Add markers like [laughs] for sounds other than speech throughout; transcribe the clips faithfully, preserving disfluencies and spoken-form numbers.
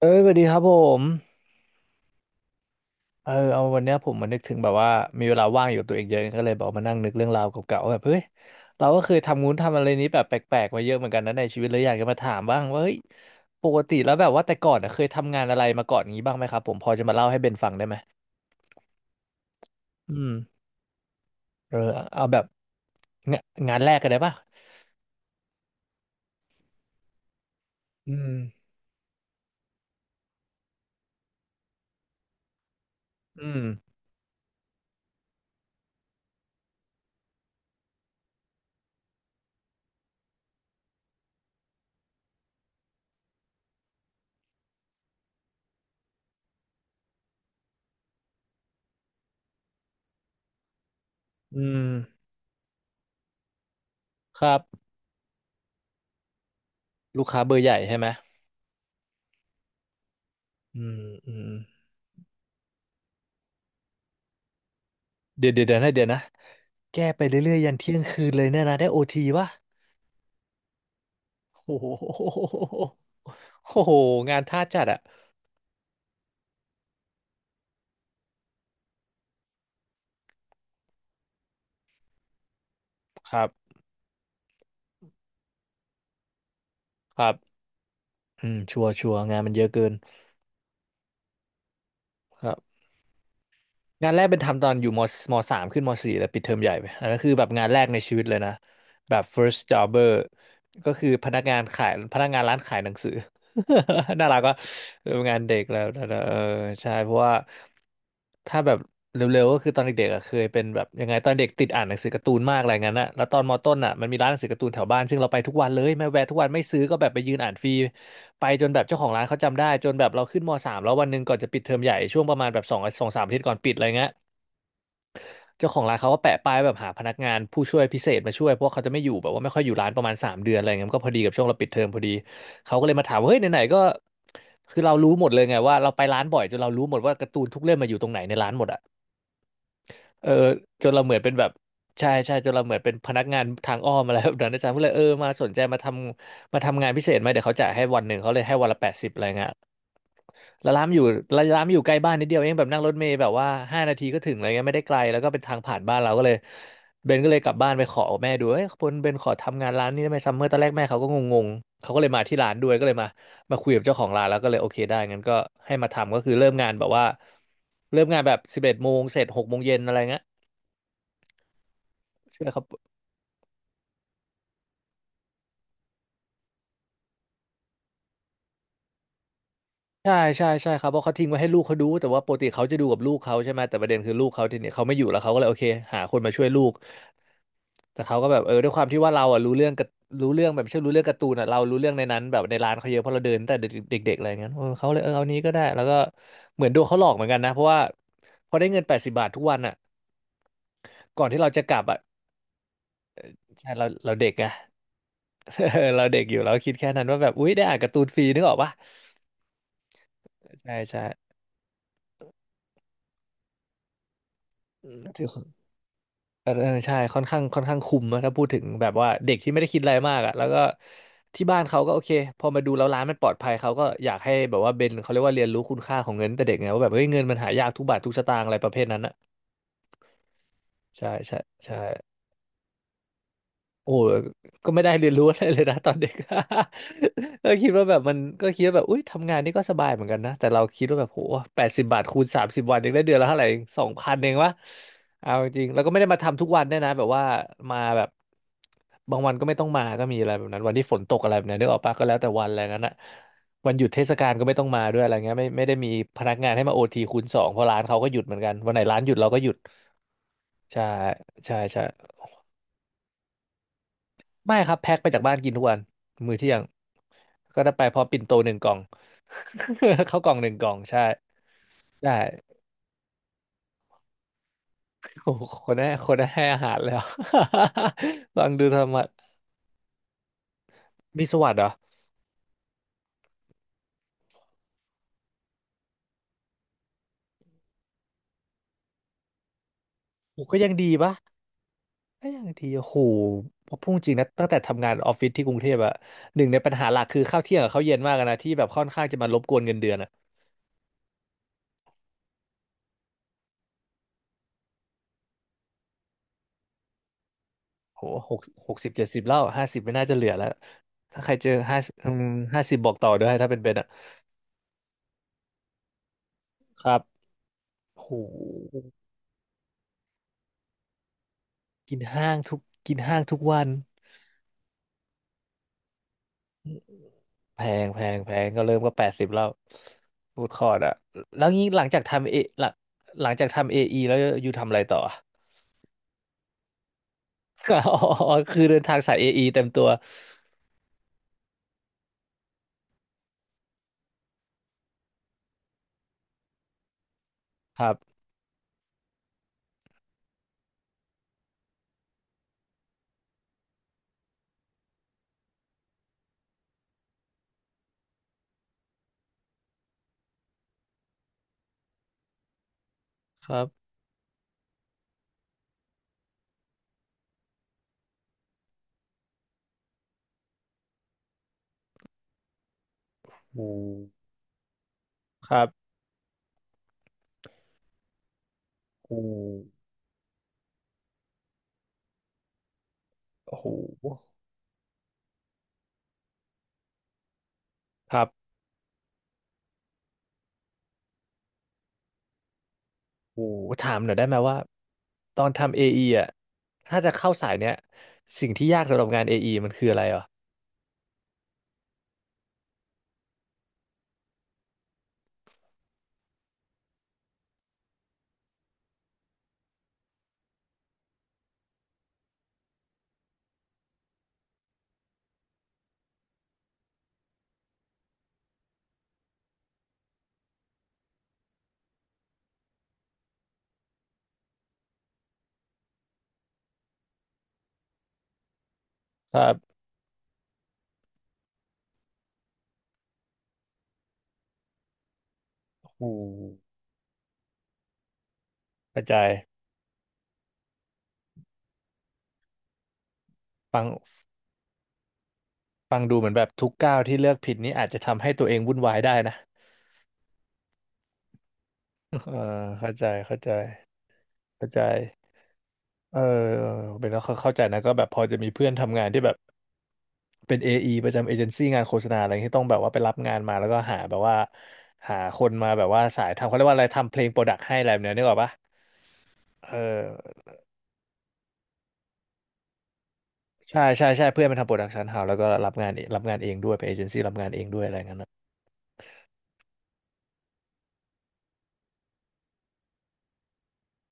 เอ้ยสวัสดีครับผมเออเอาวันเนี้ยผมมานึกถึงแบบว่ามีเวลาว่างอยู่กับตัวเองเยอะก็เลยแบบมานั่งนึกเรื่องราวเก่าๆว่าแบบเฮ้ยเราก็เคยทำงู้นทำอะไรนี้แบบแปลกๆมาเยอะเหมือนกันนะในชีวิตเลยอยากจะมาถามบ้างว่าเฮ้ยปกติแล้วแบบว่าแต่ก่อนอะเคยทำงานอะไรมาก่อนงี้บ้างไหมครับผมพอจะมาเล่าให้เบนฟังได้ไหมอืมเออเอาแบบงะงานแรกกันได้ปะอืมอืมอืมครับลูกค้าเบอร์ใหญ่ใช่ไหมอืมอืมเดี๋ยวเดี๋ยวเดี๋ยวนะเดี๋ยวนะแก้ไปเรื่อยๆยันเที่ยงคืนเลยเนี่ยนะได้โอทีปะ โอ้โหโอ้โห งานท่าจัดอะครับครับอืมชัวร์ชัวร์งานมันเยอะเกินครับงานแรกเป็นทำตอนอยู่มมสามขึ้นมสี่แล้วปิดเทอมใหญ่ไปอันนั้นคือแบบงานแรกในชีวิตเลยนะ แบบ first jobber ก็คือพนักงานขายพนักงานร้านขายหนังสือ [laughs] น่ารักว่ะเอองานเด็กแล้วแต่เออใช่เพราะว่าถ้าแบบเร็วๆก็คือตอนเด็กๆอ่ะเคยเป็นแบบยังไงตอนเด็กติดอ่านหนังสือการ์ตูนมากอะไรงั้นอะแล้วตอนมต้นอ่ะมันมีร้านหนังสือการ์ตูนแถวบ้านซึ่งเราไปทุกวันเลยไม่แวะทุกวันไม่ซื้อก็แบบไปยืนอ่านฟรีไปจนแบบเจ้าของร้านเขาจำได้จนแบบเราขึ้นมสามแล้ววันหนึ่งก่อนจะปิดเทอมใหญ่ช่วงประมาณแบบสองสองสามอาทิตย์ก่อนปิดอะไรเงี้ย เจ้าของร้านเขาก็แปะป้ายแบบหาพนักงานผู้ช่วยพิเศษมาช่วยเพราะว่าเขาจะไม่อยู่แบบว่าไม่ค่อยอยู่ร้านประมาณสามเดือนอะไรเงี้ยมันก็พอดีกับช่วงเราปิดเทอมพอดีเขาก็เลยมาถามว่าเฮ้ยไหนๆก็คือเรารู้หมดเลยไงว่าเราไปร้านบ่อยจนเรารู้หมดว่าการ์ตูนทุกเล่มมาอยู่ตรงไหนในร้านหมดอ่ะเออจนเราเหมือนเป็นแบบใช่ใช่จนเราเหมือนเป็นพนักงานทางอ้อมอะไรแบบนั้นอาจารย์ก็เลยเออมาสนใจมาทำมาทำงานพิเศษไหมเดี๋ยวเขาจ่ายให้วันหนึ่งเขาเลยให้วันละแปดสิบอะไรเงี้ย แล้วร้านมันอยู่ร้านมันอยู่ใกล้บ้านนิดเดียวเองแบบนั่งรถเมล์แบบว่าห้านาทีก็ถึงอะไรเงี้ยไม่ได้ไกลแล้วก็เป็นทางผ่านบ้านเราก็เลยเบนก็เลยกลับบ้านไปขอแม่ดูเอ้ยเบนเบนขอทำงานร้านนี้ได้ไหมซัมเมอร์ตอนแรกแม่เขาก็งงๆเขาก็เลยมาที่ร้านด้วยก็เลยมามาคุยกับเจ้าของร้านแล้วก็เลยโอเคได้งั้นก็ให้มาทำก็คือเริ่มงานแบบว่าเริ่มงานแบบสิบเอ็ดโมงเสร็จหกโมงเย็นอะไรเงี้ยใช่วยครับใช่ใช่ใช่ครับเพราะเขาทิ้งไว้ให้ลูกเขาดูแต่ว่าปกติเขาจะดูกับลูกเขาใช่ไหมแต่ประเด็นคือลูกเขาทีเนี้ยเขาไม่อยู่แล้วเขาก็เลยโอเคหาคนมาช่วยลูก แต่เขาก็แบบเออด้วยความที่ว่าเราอ่ะรู้เรื่องกับรู้เรื่องแบบไม่ใช่รู้เรื่องการ์ตูนอ่ะเรารู้เรื่องในนั้นแบบในร้านเขาเยอะเพราะเราเดินตั้งแต่เด็กๆอะไรอย่างเงี้ยเออเขาเลยเออเอานี้ก็ได้แล้วก็เหมือนโดนเขาหลอกเหมือนกันนะเพราะว่าพอได้เงินแปดสิบบาททุกวันอ่ะก่อนที่เราจะกลับอ่ะใช่เราเราเด็กอ่ะ [laughs] เราเด็กอยู่เราก็คิดแค่นั้นว่าแบบอุ๊ยได้อ่านการ์ตูนฟรีนึกออกปะใช่ใช่ถือ เออเออใช่ค่อนข้างค่อนข้างคุมนะถ้าพูดถึงแบบว่าเด็กที่ไม่ได้คิดอะไรมากอ่ะแล้วก็ที่บ้านเขาก็โอเคพอมาดูแล้วร้านมันปลอดภัยเขาก็อยากให้แบบว่าเบนเขาเรียกว่าเรียนรู้คุณค่าของเงินตั้งแต่เด็กไงว่าแบบเฮ้ยเงินมันหายากทุกบาททุกสตางค์อะไรประเภทนั้นอ่ะใช่ใช่ใช่ โอ้ก็ไม่ได้เรียนรู้อะไรเลยนะ [laughs] ตอนเด็ก [laughs] ก็คิดว่าแบบมันก็คิดว่าแบบอุ้ยทำงานนี่ก็สบายเหมือนกันนะแต่เราคิดว่าแบบโหแปดสิบบาทคูณสามสิบวันยังได้เดือนละเท่าไหร่สองพันเองวะเอาจริงๆแล้วก็ไม่ได้มาทำทุกวันด้วยนะแบบว่ามาแบบบางวันก็ไม่ต้องมาก็มีอะไรแบบนั้นวันที่ฝนตกอะไรแบบนั้นนึกออกปะก็แล้วแต่วันอะไรงั้นอะวันหยุดเทศกาลก็ไม่ต้องมาด้วยอะไรเงี้ยไม่ไม่ได้มีพนักงานให้มาโอทีคูณสองเพราะร้านเขาก็หยุดเหมือนกันวันไหนร้านหยุดเราก็หยุดใช่ใช่ใช่ ไม่ครับแพ็คไปจากบ้านกินทุกวันมื้อเที่ยงก็ได้ไปพร้อมปิ่นโตหนึ่งกล่อง [laughs] ข้าวกล่องหนึ่งกล่องใช่ได้โอ้โหคนได้คนได้ให้อาหารแล้ว [laughs] ฟังดูธรรมะมีสวัสดิ์เหรอโอ้ก็ยังดีปะก็ยังดีโอ้โหพอพูดจริงนะตั้งแต่ทำงานออฟฟิศที่กรุงเทพอะหนึ่งในปัญหาหลักคือข้าวเที่ยงกับข้าวเย็นมากอะนะที่แบบค่อนข้างจะมารบกวนเงินเดือนอะโหหกหกสิบเจ็ดสิบแล้วห้าสิบไม่น่าจะเหลือแล้วถ้าใครเจอห้าห้าสิบบอกต่อด้วยถ้าเป็นเป็นอะครับโห กินห้างทุกกินห้างทุกวันแพงแพงแพงก็เริ่มก็แปดสิบแล้วฟู้ดคอร์ทอะแล้วงี้หลังจากทำเอหลังหลังจากทำเอไอแล้วอยู่ทำอะไรต่ออ๋ [laughs] อคือเดินทางสายเอไอเต็มตัวครับครับโอ้ครับโอืมโอ้โหครับโอ้ถามหน่อยได้ไหมว่าตอนทำเอไออะถ้าจะเข้าสายเนี้ยสิ่งที่ยากสำหรับงานเอไอมันคืออะไรอ่ะครับโอืมกระจายฟัง ฟังดูเหมือนแบบทุกก้าวที่เลือกผิดนี้อาจจะทำให้ตัวเองวุ่นวายได้นะ [laughs] เออเข้าใจเข้าใจเข้าใจเออเป็นแล้วเข้าใจนะก็แบบพอจะมีเพื่อนทำงานที่แบบเป็น เอ อี ประจำเอเจนซี่งานโฆษณาอะไรที่ต้องแบบว่าไปรับงานมาแล้วก็หาแบบว่าหาคนมาแบบว่าสายทำเขาเรียกว่าอะไรทำเพลงโปรดักต์ให้อะไรแบบเนี้ยนึกออกปะเออใช่ใช่ใช่เพื่อนมันทำโปรดักชันเฮาแล้วก็รับงานรับงานเองด้วยเป็นเอเจนซี่รับงานเองด้วยอะไรเงี้ย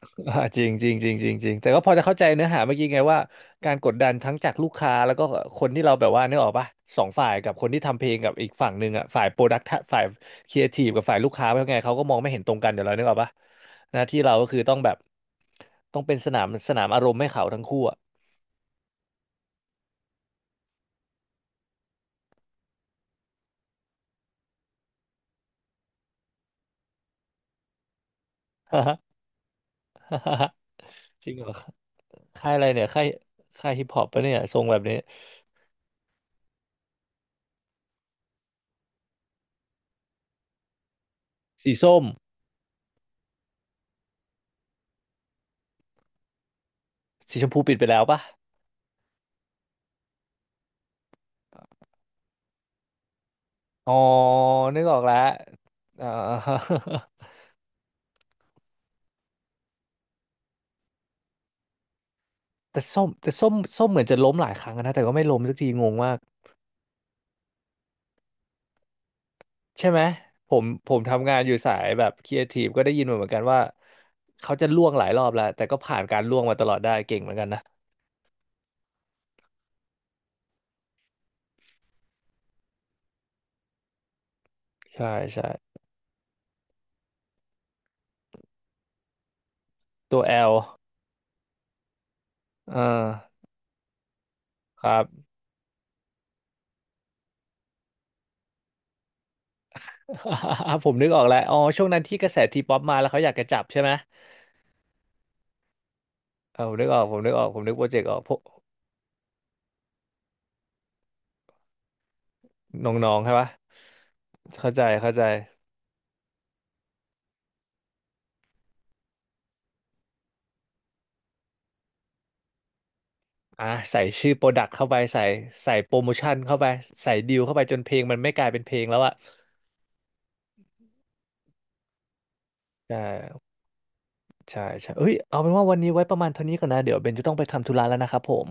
[laughs] อ่าจริงจริงจริงจริงจริงแต่ก็พอจะเข้าใจเนื้อหาเมื่อกี้ไงว่าการกดดันทั้งจากลูกค้าแล้วก็คนที่เราแบบว่านึกออกปะสองฝ่ายกับคนที่ทำเพลงกับอีกฝั่งหนึ่งอ่ะฝ่ายโปรดักต์ฝ่ายครีเอทีฟกับฝ่ายลูกค้าเป็นไงเขาก็มองไม่เห็นตรงกันอยู่แล้วนึกออกปะหน้าที่เราก็คือต้องแบบต้องเป็นสนามสนามอารมณ์ให้เขาทั้งคู่อ่ะ [laughs] จริงเหรอค่ายอะไรเนี่ยค่ายค่ายฮิปฮอปปะเนี่ยทรงแบบนี้สีส้มสีชมพูปิดไปแล้วปะอ๋อนึกออกแล้วอ่า แต่ส้มแต่ส้มส้มเหมือนจะล้มหลายครั้งนะแต่ก็ไม่ล้มสักทีงงมากใช่ไหมผมผมทำงานอยู่สายแบบครีเอทีฟก็ได้ยินมาเหมือนกันว่าเขาจะล่วงหลายรอบแล้วแต่ก็ผ่านการล่วงมาตลอดได้เก่งเหมือนกันนะใช่ใช่ตัวแอลอ่าครับ [laughs] ผมนึกออกแล้วอ๋อช่วงนั้นที่กระแสทีป๊อปมาแล้วเขาอยากจะจับใช่ไหมเออผมนึกออกผมนึกออกผมนึกโปรเจกต์ออกพวกน้องๆใช่ปะเข้าใจเข้าใจ อ่ะใส่ชื่อโปรดักต์เข้าไปใส่ใส่โปรโมชั่นเข้าไปใส่ดีลเข้าไปจนเพลงมันไม่กลายเป็นเพลงแล้วอะใช่ใช่ใช่เอ้ยเอาเป็นว่าวันนี้ไว้ประมาณเท่านี้ก่อนนะเดี๋ยวเบนจะต้องไปทำธุระแล้วนะครับผม